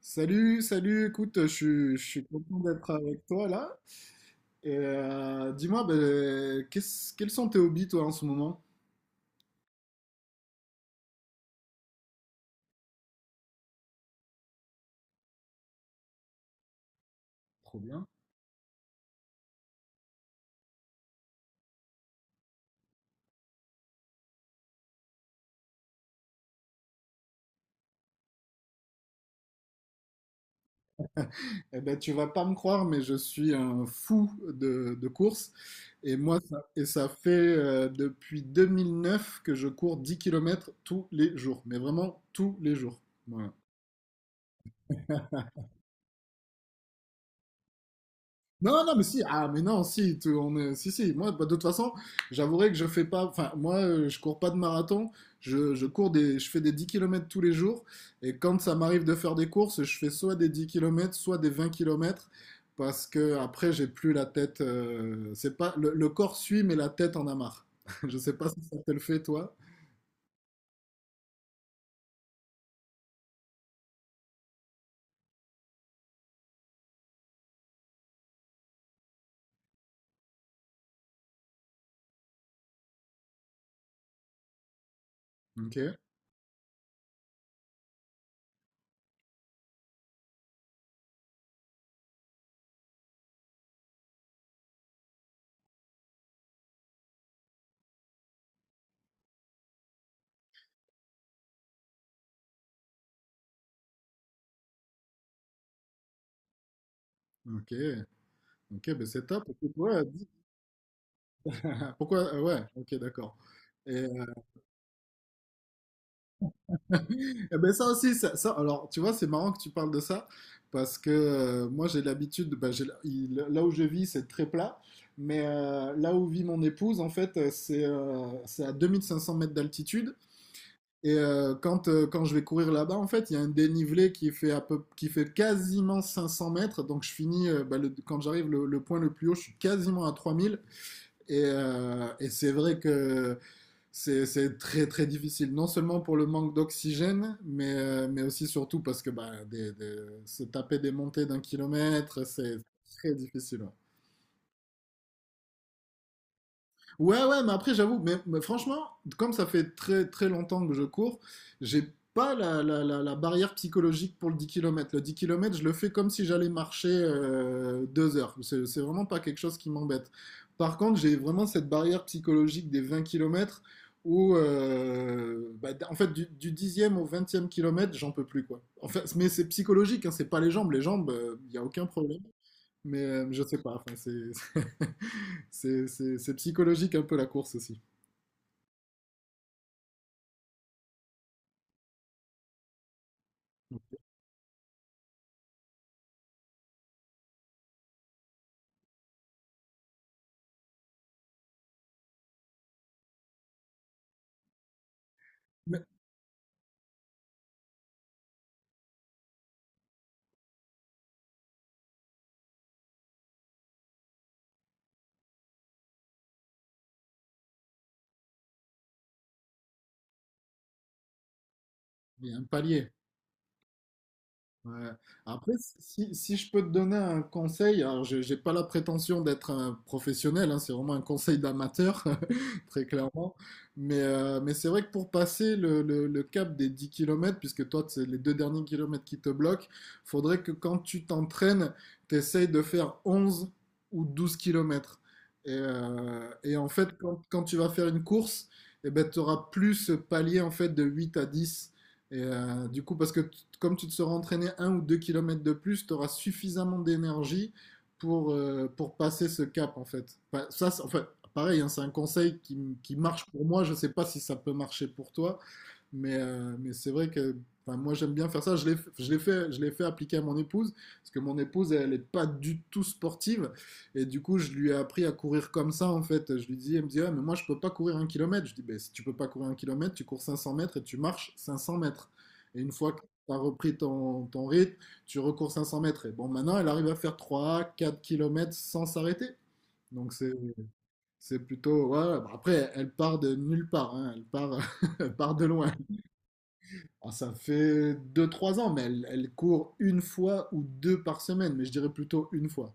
Salut, salut, écoute, je suis content d'être avec toi là. Et dis-moi, ben, quels sont tes hobbies toi en ce moment? Trop bien. Eh ben, tu vas pas me croire, mais je suis un fou de course. Et moi, ça fait depuis 2009 que je cours 10 km tous les jours, mais vraiment tous les jours. Voilà. Non, non, mais si, ah, mais non, si, si, si, moi, bah, de toute façon, j'avouerai que je fais pas, enfin, moi, je cours pas de marathon, je fais des 10 kilomètres tous les jours, et quand ça m'arrive de faire des courses, je fais soit des 10 kilomètres, soit des 20 kilomètres, parce que après, j'ai plus la tête, c'est pas, le corps suit, mais la tête en a marre. Je sais pas si ça te le fait, toi. Ok, ok, ok, ben c'est top. Pourquoi, pourquoi, ouais, ok, d'accord. Eh ben ça aussi, alors tu vois, c'est marrant que tu parles de ça, parce que moi j'ai l'habitude, bah, là où je vis c'est très plat, mais là où vit mon épouse, en fait, c'est à 2 500 mètres d'altitude, et quand je vais courir là-bas, en fait, il y a un dénivelé qui fait quasiment 500 mètres, donc je finis, bah, quand j'arrive le point le plus haut, je suis quasiment à 3 000. Et c'est vrai que c'est très très difficile, non seulement pour le manque d'oxygène, mais aussi surtout parce que bah, se taper des montées d'1 kilomètre, c'est très difficile. Ouais. Ouais, ouais, mais après, j'avoue, franchement, comme ça fait très très longtemps que je cours, j'ai pas la barrière psychologique pour le 10 kilomètres. Le 10 kilomètres, je le fais comme si j'allais marcher 2 heures. C'est vraiment pas quelque chose qui m'embête. Par contre, j'ai vraiment cette barrière psychologique des 20 kilomètres où, bah, en fait, du 10 au vingtième kilomètre, j'en peux plus, quoi. En fait, mais c'est psychologique, hein, c'est pas les jambes. Les jambes, il n'y a aucun problème. Mais je sais pas, enfin, c'est c'est psychologique un peu la course aussi. Mais il y a un palier. Ouais. Après, si je peux te donner un conseil, alors je n'ai pas la prétention d'être un professionnel, hein, c'est vraiment un conseil d'amateur, très clairement, mais c'est vrai que pour passer le cap des 10 kilomètres, puisque toi, c'est les deux derniers kilomètres qui te bloquent, faudrait que quand tu t'entraînes, tu essayes de faire 11 ou 12 kilomètres. Et en fait, quand tu vas faire une course, eh ben, tu auras plus ce palier en fait, de 8 à 10. Et du coup, parce que comme tu te seras entraîné 1 ou 2 kilomètres de plus, tu auras suffisamment d'énergie pour passer ce cap, en fait. Enfin, ça, en fait, pareil, hein, c'est un conseil qui marche pour moi. Je ne sais pas si ça peut marcher pour toi, mais c'est vrai que enfin, moi, j'aime bien faire ça. Je l'ai fait appliquer à mon épouse, parce que mon épouse, elle n'est pas du tout sportive. Et du coup, je lui ai appris à courir comme ça, en fait. Je lui dis, elle me dit, ouais, mais moi, je peux pas courir un kilomètre. Je dis, ben, si tu peux pas courir un kilomètre, tu cours 500 mètres et tu marches 500 mètres. Et une fois que tu as repris ton rythme, tu recours 500 mètres. Et bon, maintenant, elle arrive à faire 3 4 kilomètres sans s'arrêter. Donc, c'est plutôt, ouais. Bah, après, elle part de nulle part. Hein, elle part, elle part de loin. Alors, ça fait deux trois ans, mais elle court une fois ou deux par semaine. Mais je dirais plutôt une fois.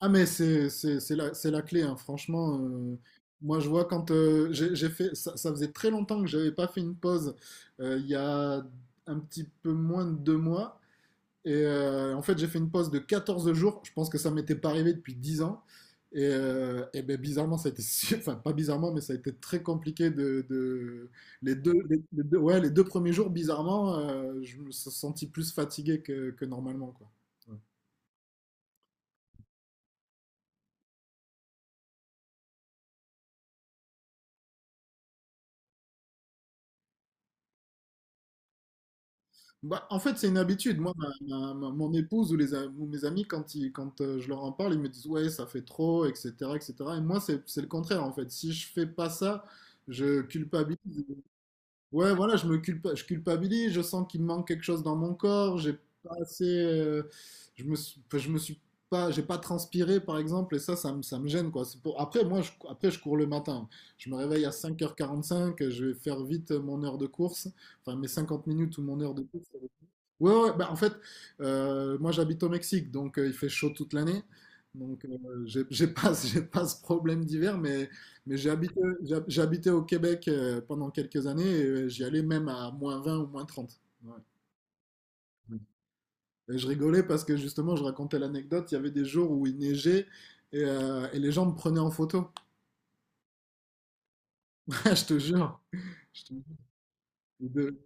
Ah, mais c'est la clé, hein, franchement. Moi, je vois quand j'ai fait, ça faisait très longtemps que j'avais pas fait une pause. Il y a un petit peu moins de 2 mois, et en fait, j'ai fait une pause de 14 jours. Je pense que ça m'était pas arrivé depuis 10 ans. Et ben, bizarrement, ça a été, enfin pas bizarrement, mais ça a été très compliqué les deux, ouais, les deux premiers jours, bizarrement, je me suis senti plus fatigué que normalement, quoi. Ouais. Bah, en fait, c'est une habitude. Moi, mon épouse ou mes amis, quand je leur en parle, ils me disent ouais, ça fait trop, etc., etc. Et cetera. Et moi, c'est le contraire, en fait. Si je fais pas ça, je culpabilise. Ouais, voilà, je culpabilise, je sens qu'il me manque quelque chose dans mon corps, j'ai pas assez, enfin, je me suis pas, j'ai pas transpiré par exemple, et ça me gêne quoi. Après, moi, je cours le matin. Je me réveille à 5h45, je vais faire vite mon heure de course, enfin mes 50 minutes ou mon heure de course. Ouais, ouais, bah en fait, moi j'habite au Mexique, donc il fait chaud toute l'année. Donc j'ai pas, j'ai pas ce problème d'hiver, mais j'ai habité au Québec pendant quelques années et j'y allais même à -20 ou -30. Ouais. Et je rigolais parce que justement, je racontais l'anecdote, il y avait des jours où il neigeait et les gens me prenaient en photo. Je te jure. Je te jure. Et de-.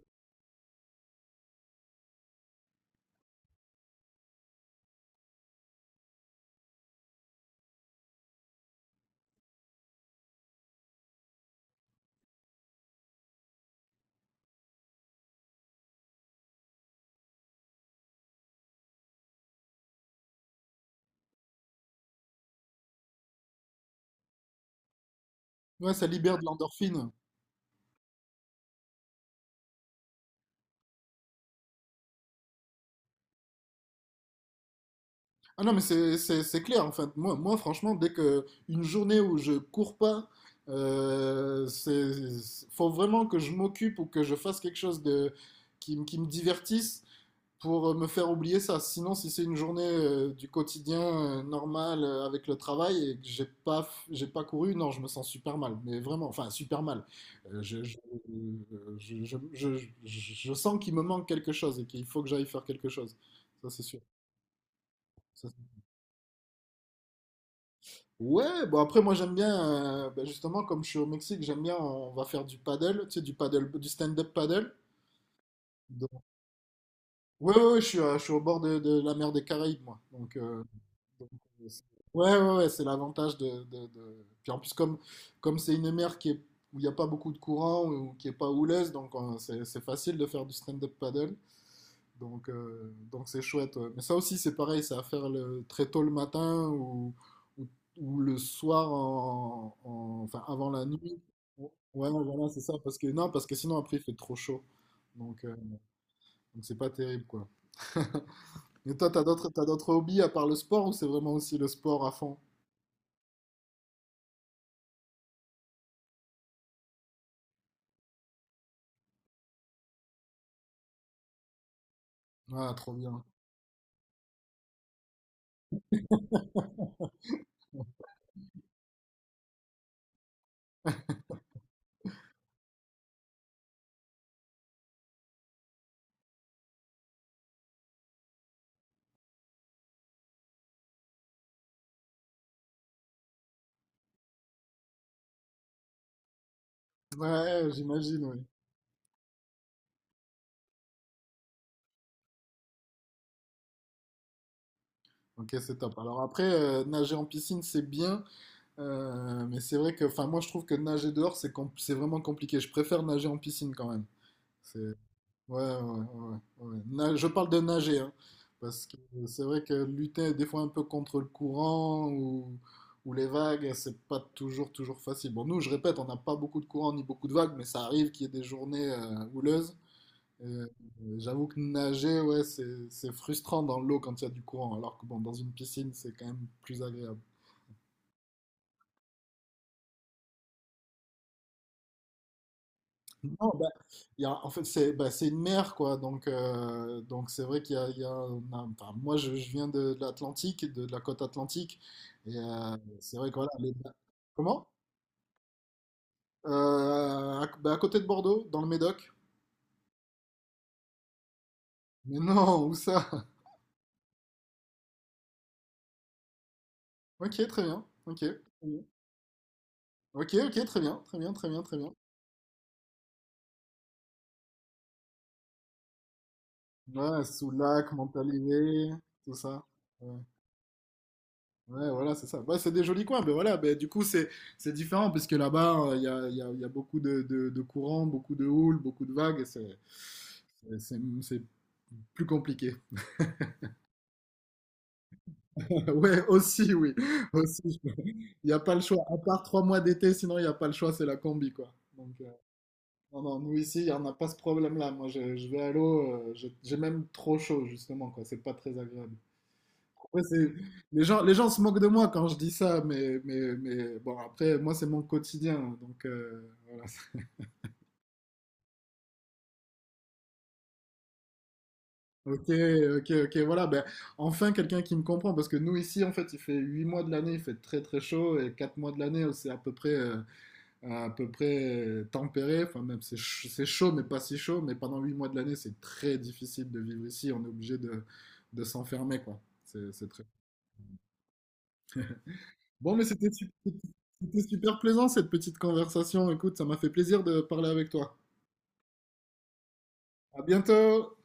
Ouais, ça libère de l'endorphine. Ah non, mais c'est clair, en fait. Moi, franchement, dès que une journée où je cours pas, euh, c'est, faut vraiment que je m'occupe ou que je fasse quelque chose de, qui me divertisse pour me faire oublier ça. Sinon, si c'est une journée du quotidien normal avec le travail et que j'ai pas couru, non, je me sens super mal. Mais vraiment, enfin, super mal. Euh, je, je, je, je, je sens qu'il me manque quelque chose et qu'il faut que j'aille faire quelque chose. Ça, c'est sûr. Ça, Ouais, bon après moi j'aime bien, bah, justement comme je suis au Mexique, j'aime bien, on va faire du paddle, tu sais, du paddle, du stand-up paddle. Donc- ouais, ouais, ouais, je suis au bord de la mer des Caraïbes moi. Donc, euh, c'est- ouais, ouais, ouais, c'est l'avantage. Puis en plus comme c'est une mer qui est, où il n'y a pas beaucoup de courant ou qui est pas houleuse, donc c'est facile de faire du stand-up paddle. Donc c'est chouette. Ouais. Mais ça aussi, c'est pareil, c'est à faire très tôt le matin ou, ou, le soir, en, enfin avant la nuit. Ouais, ouais, voilà, c'est ça. Parce que, non, parce que sinon, après, il fait trop chaud. Donc, euh, donc c'est pas terrible, quoi. Et toi, t'as d'autres hobbies à part le sport ou c'est vraiment aussi le sport à fond? Ah, trop bien. Ouais, j'imagine, oui. Ok, c'est top. Alors après, nager en piscine, c'est bien, mais c'est vrai que, enfin, moi, je trouve que nager dehors, c'est vraiment compliqué. Je préfère nager en piscine quand même. C'est. Ouais, ouais, ouais, ouais. Je parle de nager, hein, parce que c'est vrai que lutter des fois un peu contre le courant ou les vagues, c'est pas toujours, toujours facile. Bon, nous, je répète, on n'a pas beaucoup de courant ni beaucoup de vagues, mais ça arrive qu'il y ait des journées houleuses. Et, euh, j'avoue que nager, ouais, c'est frustrant dans l'eau quand il y a du courant, alors que bon, dans une piscine, c'est quand même plus agréable. Non, bah, en fait, c'est bah, c'est une mer, quoi. Donc c'est vrai qu'il y a enfin, moi, je viens de l'Atlantique, de la côte atlantique. Et c'est vrai que voilà, Comment? Bah, à côté de Bordeaux, dans le Médoc. Mais non, où ça? Ok, très bien. Ok. Très bien. Ok, ok, très bien. Très bien, très bien, très bien. Ouais, Soulac, Montalivet, tout ça. Ouais. Ouais, voilà, c'est ça. Ouais, c'est des jolis coins, mais voilà, ben, du coup, c'est différent, parce que là-bas, il y a beaucoup de courants, beaucoup de houles, beaucoup de vagues, et c'est plus compliqué. Ouais, aussi, oui, aussi. Il n'y a pas le choix, à part 3 mois d'été, sinon il n'y a pas le choix, c'est la combi, quoi. Non, non, nous ici, il n'y en a pas ce problème-là. Moi, je vais à l'eau, j'ai même trop chaud, justement, quoi, c'est pas très agréable. Ouais, les gens se moquent de moi quand je dis ça, mais bon, après, moi, c'est mon quotidien. Donc, voilà. Ok, ok, ok, voilà. Ben, enfin, quelqu'un qui me comprend, parce que nous, ici, en fait, il fait 8 mois de l'année, il fait très, très chaud, et 4 mois de l'année, c'est à peu près tempéré. Enfin, même, c'est chaud, mais pas si chaud. Mais pendant 8 mois de l'année, c'est très difficile de vivre ici. On est obligé de s'enfermer, quoi. C'est très. Bon, mais c'était super plaisant cette petite conversation. Écoute, ça m'a fait plaisir de parler avec toi. À bientôt!